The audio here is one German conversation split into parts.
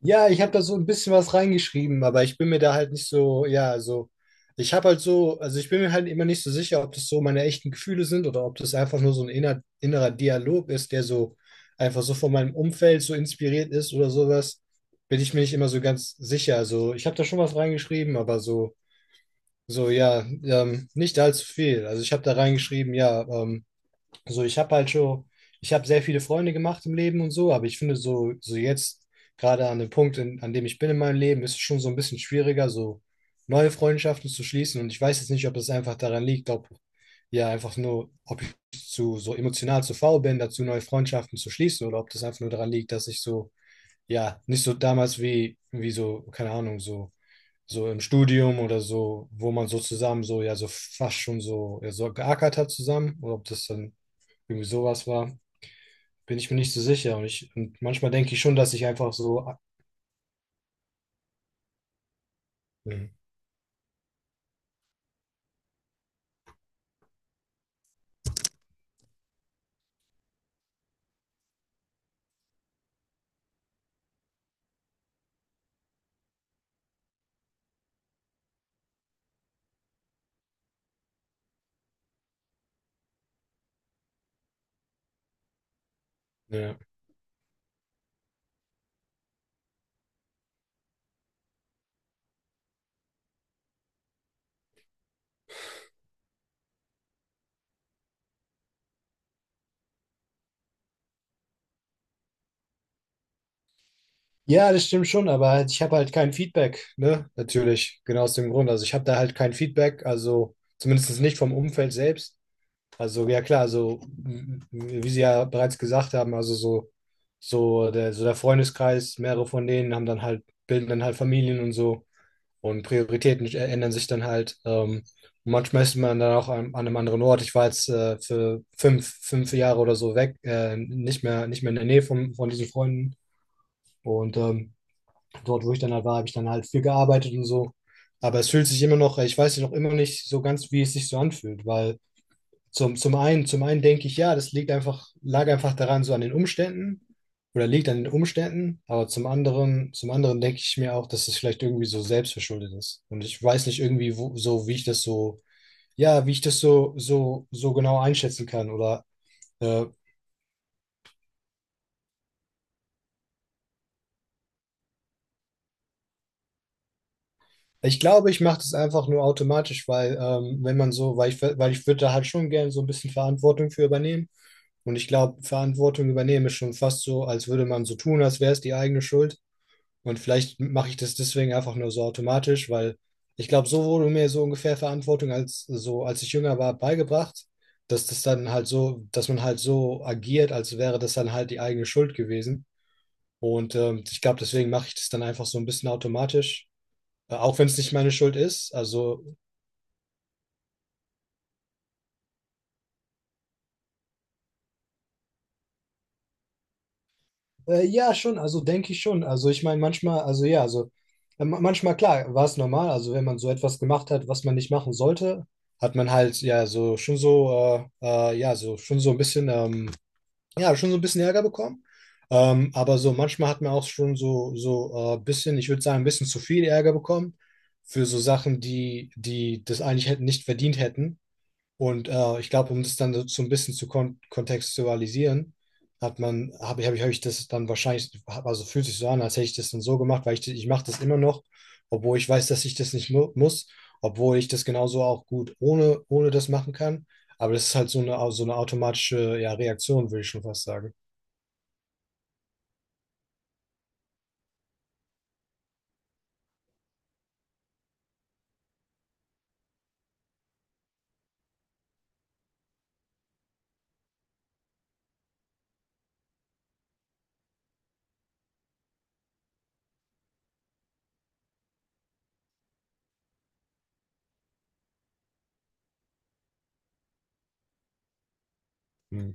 Ja, ich habe da so ein bisschen was reingeschrieben, aber ich bin mir da halt nicht so, ja, so, ich habe halt so, also ich bin mir halt immer nicht so sicher, ob das so meine echten Gefühle sind oder ob das einfach nur so ein innerer Dialog ist, der so einfach so von meinem Umfeld so inspiriert ist oder sowas, bin ich mir nicht immer so ganz sicher. Also ich habe da schon was reingeschrieben, aber so, ja, nicht allzu viel. Also ich habe da reingeschrieben, ja, also ich habe halt schon, ich habe sehr viele Freunde gemacht im Leben und so, aber ich finde so jetzt, gerade an dem Punkt, an dem ich bin in meinem Leben, ist es schon so ein bisschen schwieriger, so neue Freundschaften zu schließen. Und ich weiß jetzt nicht, ob es einfach daran liegt, ob ja einfach nur, ob ich zu so emotional zu faul bin, dazu neue Freundschaften zu schließen, oder ob das einfach nur daran liegt, dass ich so, ja, nicht so damals wie so, keine Ahnung, so, im Studium oder so, wo man so zusammen so, ja, so fast schon so, ja, so geackert hat zusammen, oder ob das dann irgendwie sowas war, bin ich mir nicht so sicher. Und manchmal denke ich schon, dass ich einfach so. Mhm. Ja. Ja, das stimmt schon, aber halt, ich habe halt kein Feedback, ne? Natürlich, genau aus dem Grund. Also ich habe da halt kein Feedback, also zumindest nicht vom Umfeld selbst. Also ja klar, also wie Sie ja bereits gesagt haben, also so, so der Freundeskreis, mehrere von denen bilden dann halt Familien und so. Und Prioritäten ändern sich dann halt. Manchmal ist man dann auch an einem anderen Ort. Ich war jetzt für 5 Jahre oder so weg, nicht mehr in der Nähe von diesen Freunden. Und dort, wo ich dann halt war, habe ich dann halt viel gearbeitet und so. Aber es fühlt sich immer noch, ich weiß noch immer nicht so ganz, wie es sich so anfühlt, weil zum einen denke ich, ja, das liegt lag einfach daran, so an den Umständen oder liegt an den Umständen, aber zum anderen denke ich mir auch, dass es vielleicht irgendwie so selbstverschuldet ist. Und ich weiß nicht irgendwie wo, so, wie ich das so, ja, wie ich das so, genau einschätzen kann oder äh, ich glaube, ich mache das einfach nur automatisch, weil wenn man so, weil ich würde da halt schon gerne so ein bisschen Verantwortung für übernehmen. Und ich glaube, Verantwortung übernehmen ist schon fast so, als würde man so tun, als wäre es die eigene Schuld. Und vielleicht mache ich das deswegen einfach nur so automatisch, weil ich glaube, so wurde mir so ungefähr Verantwortung als ich jünger war, beigebracht, dass das dann halt so, dass man halt so agiert, als wäre das dann halt die eigene Schuld gewesen. Und ich glaube, deswegen mache ich das dann einfach so ein bisschen automatisch, auch wenn es nicht meine Schuld ist. Also ja, schon, also denke ich schon. Also ich meine, manchmal, also ja, also manchmal, klar, war es normal. Also wenn man so etwas gemacht hat, was man nicht machen sollte, hat man halt ja so schon so, ja, so schon so ein bisschen, ja, schon so ein bisschen Ärger bekommen. Aber so manchmal hat man auch schon so, bisschen, ich würde sagen, ein bisschen zu viel Ärger bekommen für so Sachen, die das eigentlich hätten nicht verdient hätten. Und ich glaube, um das dann so ein bisschen zu kontextualisieren, hat man, habe ich, hab ich, hab ich das dann wahrscheinlich, also fühlt sich so an, als hätte ich das dann so gemacht, weil ich mache das immer noch, obwohl ich weiß, dass ich das nicht mu muss, obwohl ich das genauso auch gut ohne das machen kann. Aber das ist halt so eine automatische, ja, Reaktion, würde ich schon fast sagen. Hm.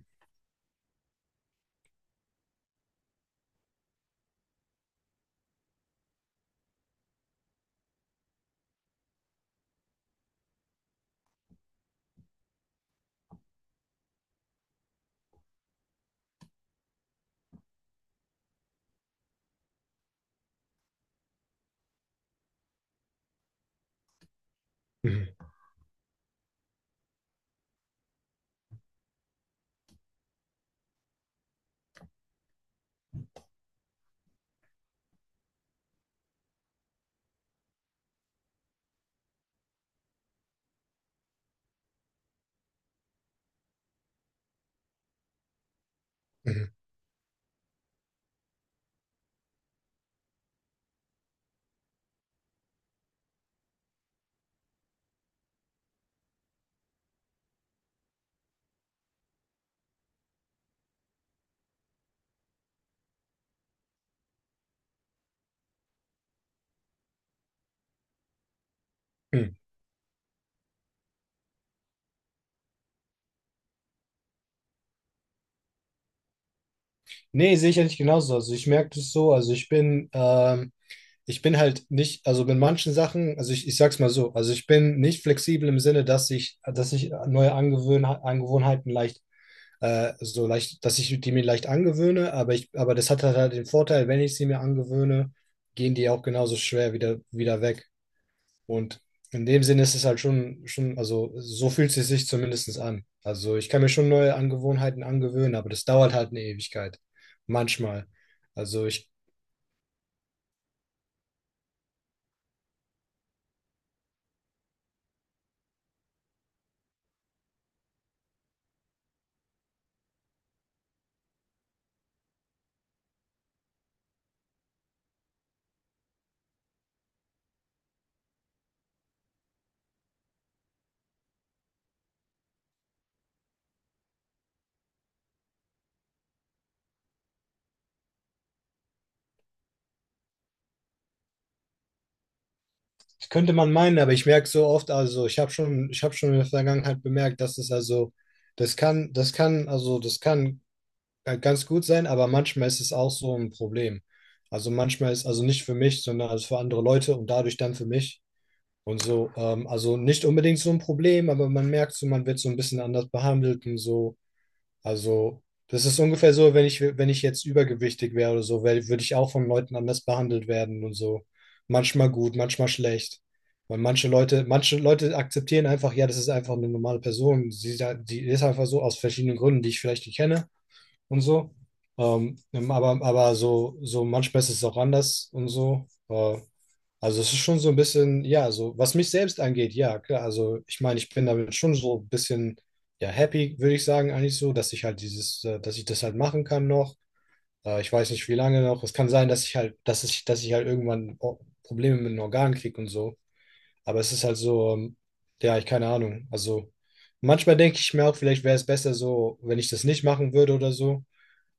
Mhm, mhm, mhm. Nee, sehe ich ja nicht genauso. Also ich merke das so, also ich bin halt nicht, also mit manchen Sachen, also ich sag's mal so, also ich bin nicht flexibel im Sinne, dass ich neue Angewöhn Angewohnheiten leicht, so leicht, dass ich die mir leicht angewöhne, aber das hat halt den Vorteil, wenn ich sie mir angewöhne, gehen die auch genauso schwer wieder weg. Und in dem Sinne ist es halt schon, also so fühlt es sich zumindest an. Also ich kann mir schon neue Angewohnheiten angewöhnen, aber das dauert halt eine Ewigkeit. Manchmal. Also ich. Das könnte man meinen, aber ich merke so oft, also ich habe schon in der Vergangenheit bemerkt, dass es also, das kann ganz gut sein, aber manchmal ist es auch so ein Problem. Also manchmal ist, also nicht für mich, sondern also für andere Leute und dadurch dann für mich. Und so, also nicht unbedingt so ein Problem, aber man merkt so, man wird so ein bisschen anders behandelt und so. Also, das ist ungefähr so, wenn ich jetzt übergewichtig wäre oder so, würde ich auch von Leuten anders behandelt werden und so. Manchmal gut, manchmal schlecht. Weil manche Leute akzeptieren einfach, ja, das ist einfach eine normale Person. Die ist einfach so aus verschiedenen Gründen, die ich vielleicht nicht kenne und so. Aber, so, manchmal ist es auch anders und so. Also es ist schon so ein bisschen, ja, so was mich selbst angeht, ja, klar. Also ich meine, ich bin damit schon so ein bisschen, ja, happy, würde ich sagen, eigentlich so, dass ich das halt machen kann noch. Ich weiß nicht, wie lange noch. Es kann sein, dass ich halt irgendwann Probleme mit den Organen kriege und so. Aber es ist halt so, ja, ich keine Ahnung. Also manchmal denke ich mir auch, vielleicht wäre es besser so, wenn ich das nicht machen würde oder so.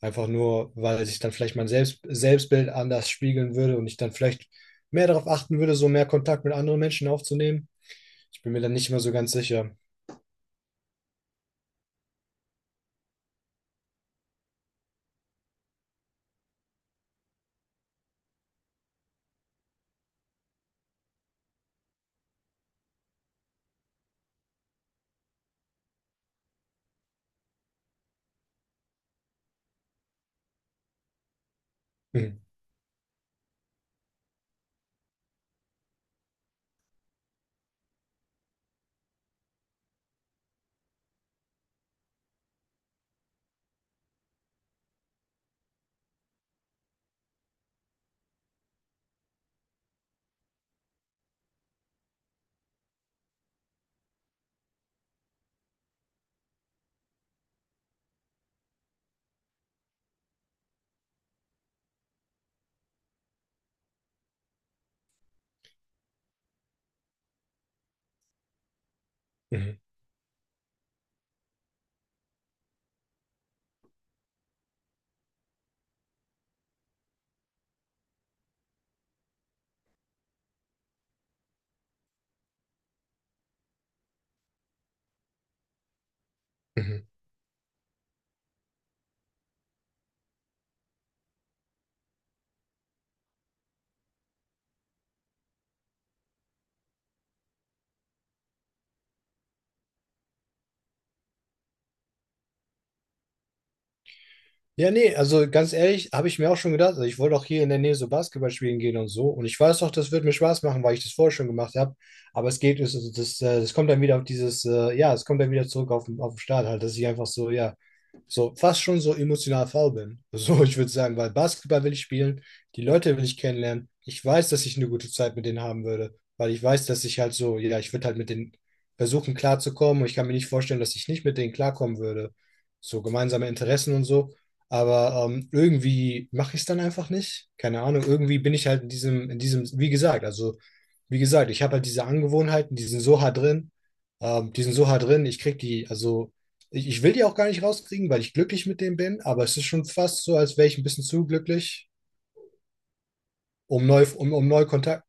Einfach nur, weil sich dann vielleicht mein Selbstbild anders spiegeln würde und ich dann vielleicht mehr darauf achten würde, so mehr Kontakt mit anderen Menschen aufzunehmen. Ich bin mir dann nicht mehr so ganz sicher. Mhm. Mhm. Mhm. Ja, nee, also ganz ehrlich, habe ich mir auch schon gedacht, also ich wollte auch hier in der Nähe so Basketball spielen gehen und so. Und ich weiß auch, das wird mir Spaß machen, weil ich das vorher schon gemacht habe. Aber es geht, das, das kommt dann wieder auf es kommt dann wieder zurück auf den Start halt, dass ich einfach so, ja, so fast schon so emotional faul bin. So, ich würde sagen, weil Basketball will ich spielen, die Leute will ich kennenlernen. Ich weiß, dass ich eine gute Zeit mit denen haben würde, weil ich weiß, dass ich halt so, ja, ich würde halt mit denen versuchen klarzukommen und ich kann mir nicht vorstellen, dass ich nicht mit denen klarkommen würde. So gemeinsame Interessen und so. Aber irgendwie mache ich es dann einfach nicht. Keine Ahnung, irgendwie bin ich halt in diesem, wie gesagt, ich habe halt diese Angewohnheiten, die sind so hart drin, ich krieg die, also ich will die auch gar nicht rauskriegen, weil ich glücklich mit denen bin, aber es ist schon fast so, als wäre ich ein bisschen zu glücklich, um neu Kontakt.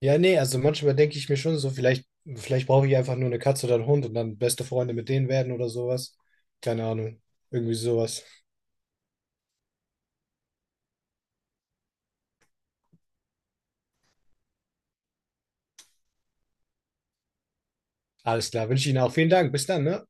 Ja, nee, also manchmal denke ich mir schon so, vielleicht brauche ich einfach nur eine Katze oder einen Hund und dann beste Freunde mit denen werden oder sowas. Keine Ahnung, irgendwie sowas. Alles klar, wünsche Ihnen auch vielen Dank. Bis dann, ne?